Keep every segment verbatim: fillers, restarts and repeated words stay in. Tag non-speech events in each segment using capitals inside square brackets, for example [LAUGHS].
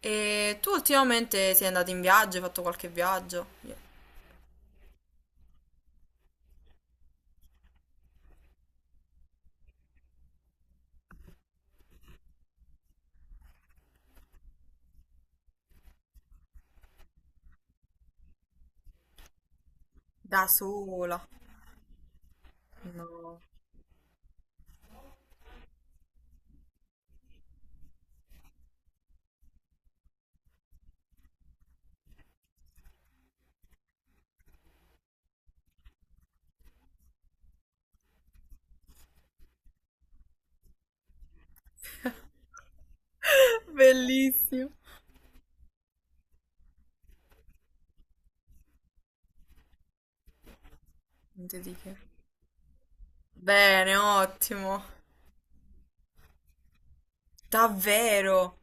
E tu ultimamente sei andato in viaggio, hai fatto qualche viaggio? Da sola? No. [LAUGHS] Bellissimo. Niente di che. Bene, ottimo. Davvero?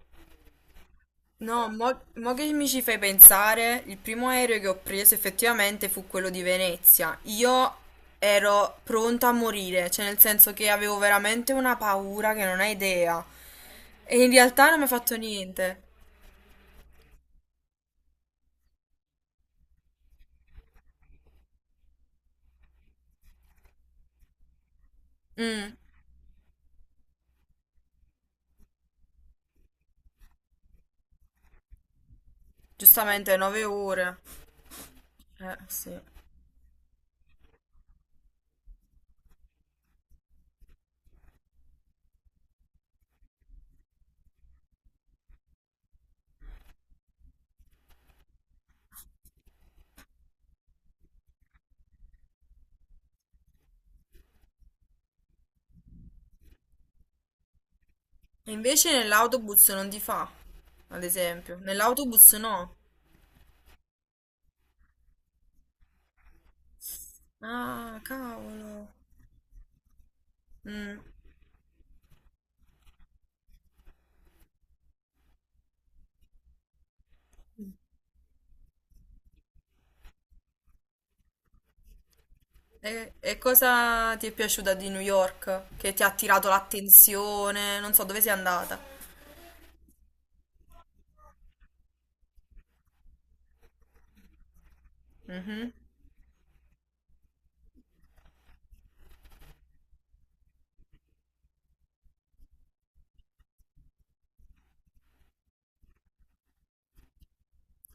No, mo, mo che mi ci fai pensare, il primo aereo che ho preso effettivamente fu quello di Venezia. Io ero pronta a morire, cioè nel senso che avevo veramente una paura che non hai idea. E in realtà non mi ha fatto niente. Mm, giustamente, nove ore. Eh, sì. E invece nell'autobus non ti fa, ad esempio. Nell'autobus no. Ah, cavolo. Mm. E, e cosa ti è piaciuta di New York? Che ti ha attirato l'attenzione? Non so dove sei andata. Mhm.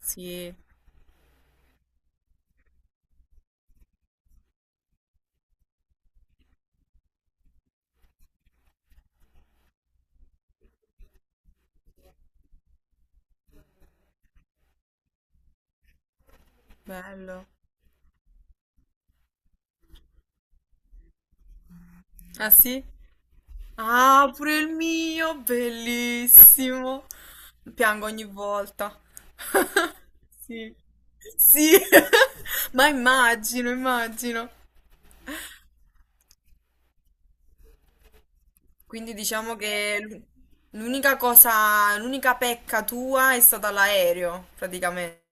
Sì, bello. Ah sì? Ah, pure il mio, bellissimo. Piango ogni volta. [LAUGHS] Sì. Sì. [LAUGHS] Ma immagino, immagino. Quindi diciamo che l'u- l'unica cosa, l'unica pecca tua è stata l'aereo, praticamente.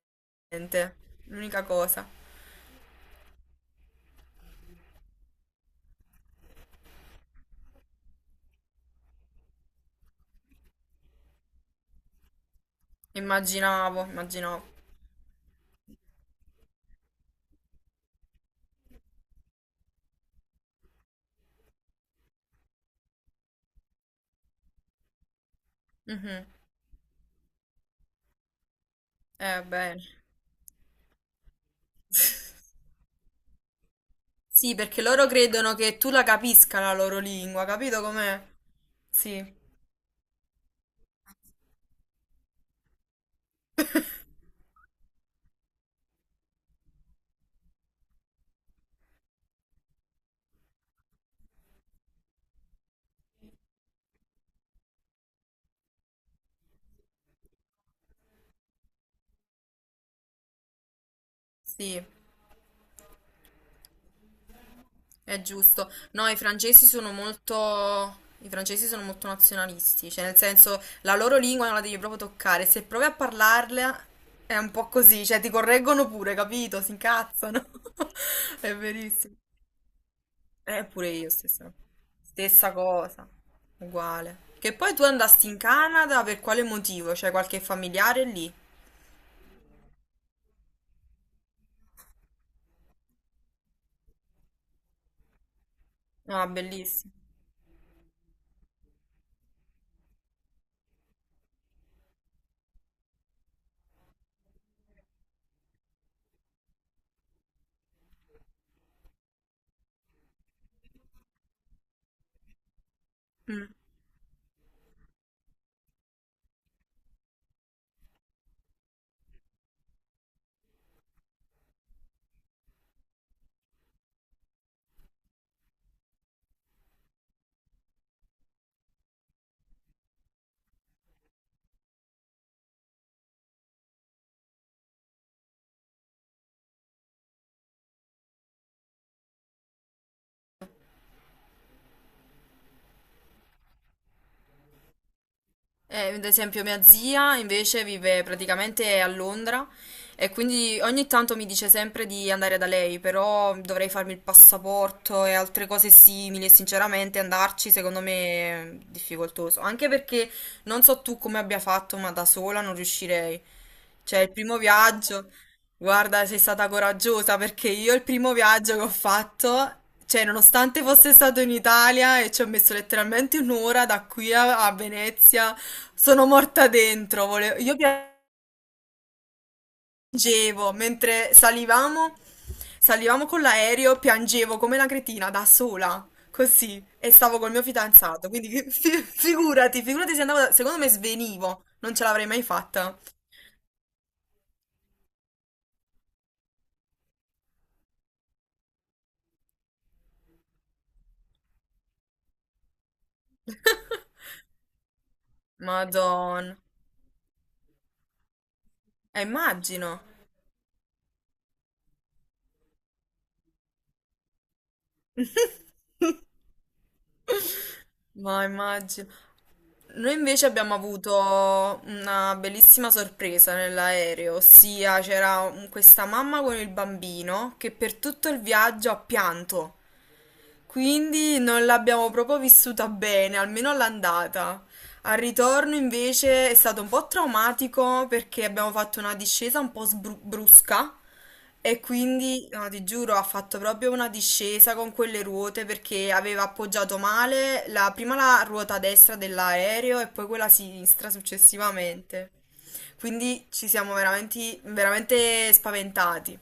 L'unica cosa. Immaginavo, immaginavo. Mhm. Eh, bene. [LAUGHS] Sì, perché loro credono che tu la capisca la loro lingua, capito com'è? Sì, sì. È giusto. No, i francesi sono molto... i francesi sono molto nazionalisti, cioè nel senso la loro lingua non la devi proprio toccare, se provi a parlarla è un po' così, cioè ti correggono pure, capito? Si incazzano. [LAUGHS] È verissimo. Eh, pure io stessa. Stessa cosa, uguale. Che poi tu andasti in Canada per quale motivo? C'è qualche familiare lì? Ah, bellissimo. Mm. Eh, ad esempio, mia zia invece vive praticamente a Londra e quindi ogni tanto mi dice sempre di andare da lei, però dovrei farmi il passaporto e altre cose simili e sinceramente andarci secondo me è difficoltoso, anche perché non so tu come abbia fatto, ma da sola non riuscirei. Cioè, il primo viaggio, guarda, sei stata coraggiosa perché io il primo viaggio che ho fatto, cioè, nonostante fosse stato in Italia e ci ho messo letteralmente un'ora da qui a, a Venezia, sono morta dentro. vole- Io piangevo mentre salivamo, salivamo con l'aereo, piangevo come una cretina da sola. Così, e stavo col mio fidanzato, quindi [LAUGHS] fi- figurati, figurati se andavo, da- secondo me svenivo, non ce l'avrei mai fatta. [LAUGHS] Madonna. Eh, immagino. [LAUGHS] Ma immagino. Noi invece abbiamo avuto una bellissima sorpresa nell'aereo, ossia c'era un- questa mamma con il bambino che per tutto il viaggio ha pianto. Quindi non l'abbiamo proprio vissuta bene, almeno all'andata. Al ritorno invece è stato un po' traumatico perché abbiamo fatto una discesa un po' sbru- brusca e quindi, no, ti giuro, ha fatto proprio una discesa con quelle ruote perché aveva appoggiato male la- prima la ruota destra dell'aereo e poi quella sinistra successivamente. Quindi ci siamo veramente, veramente spaventati.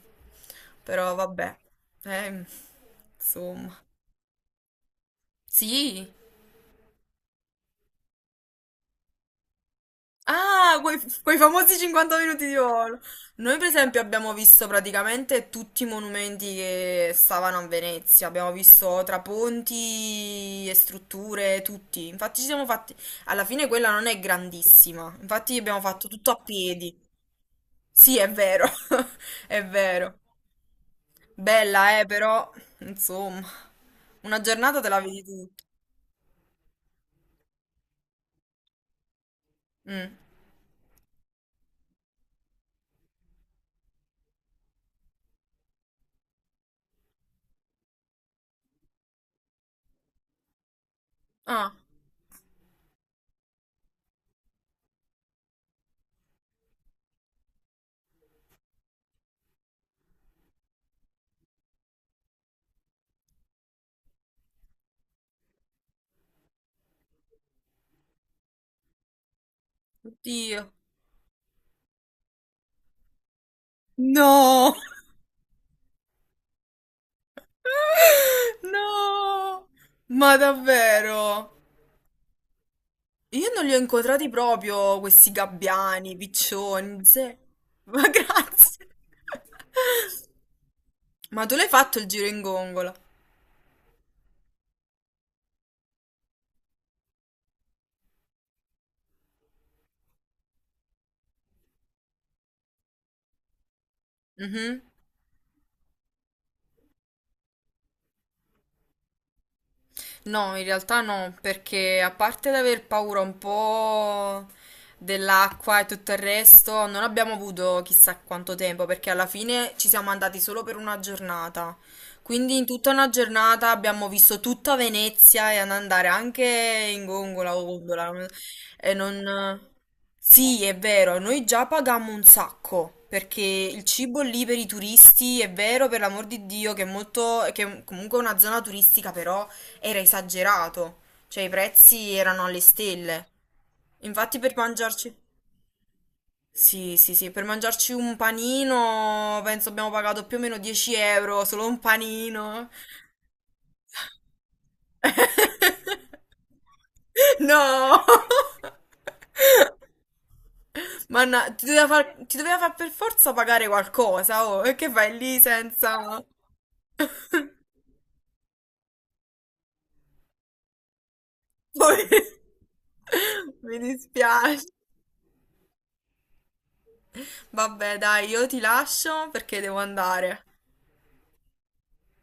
Però vabbè, eh, insomma. Sì. Ah, quei, quei famosi cinquanta minuti di volo. Noi, per esempio, abbiamo visto praticamente tutti i monumenti che stavano a Venezia. Abbiamo visto traponti e strutture, tutti. Infatti, ci siamo fatti. Alla fine, quella non è grandissima. Infatti, abbiamo fatto tutto a piedi. Sì, è vero. [LAUGHS] È vero. Bella, eh, però, insomma, una giornata te la vedi tutta. Mm. Ah, oddio. No! [LAUGHS] [LAUGHS] No! Ma davvero? Io non li ho incontrati proprio questi gabbiani, piccioni, ze- Ma [LAUGHS] grazie. Ma tu l'hai fatto il giro in gongola? Mhm. No, in realtà no, perché a parte l'aver paura un po' dell'acqua e tutto il resto, non abbiamo avuto chissà quanto tempo, perché alla fine ci siamo andati solo per una giornata. Quindi in tutta una giornata abbiamo visto tutta Venezia e ad andare anche in gongola o gondola. non- so. E non... Sì, è vero, noi già pagammo un sacco, perché il cibo lì per i turisti è vero, per l'amor di Dio, che è molto, che è comunque una zona turistica, però era esagerato, cioè i prezzi erano alle stelle. Infatti per mangiarci... Sì, sì, sì, per mangiarci un panino penso abbiamo pagato più o meno dieci euro, solo un panino. [LAUGHS] No! Manna, ti doveva far, ti doveva far per forza pagare qualcosa, oh, e che fai lì senza... Poi- [LAUGHS] Mi dispiace. Vabbè, dai, io ti lascio perché devo andare.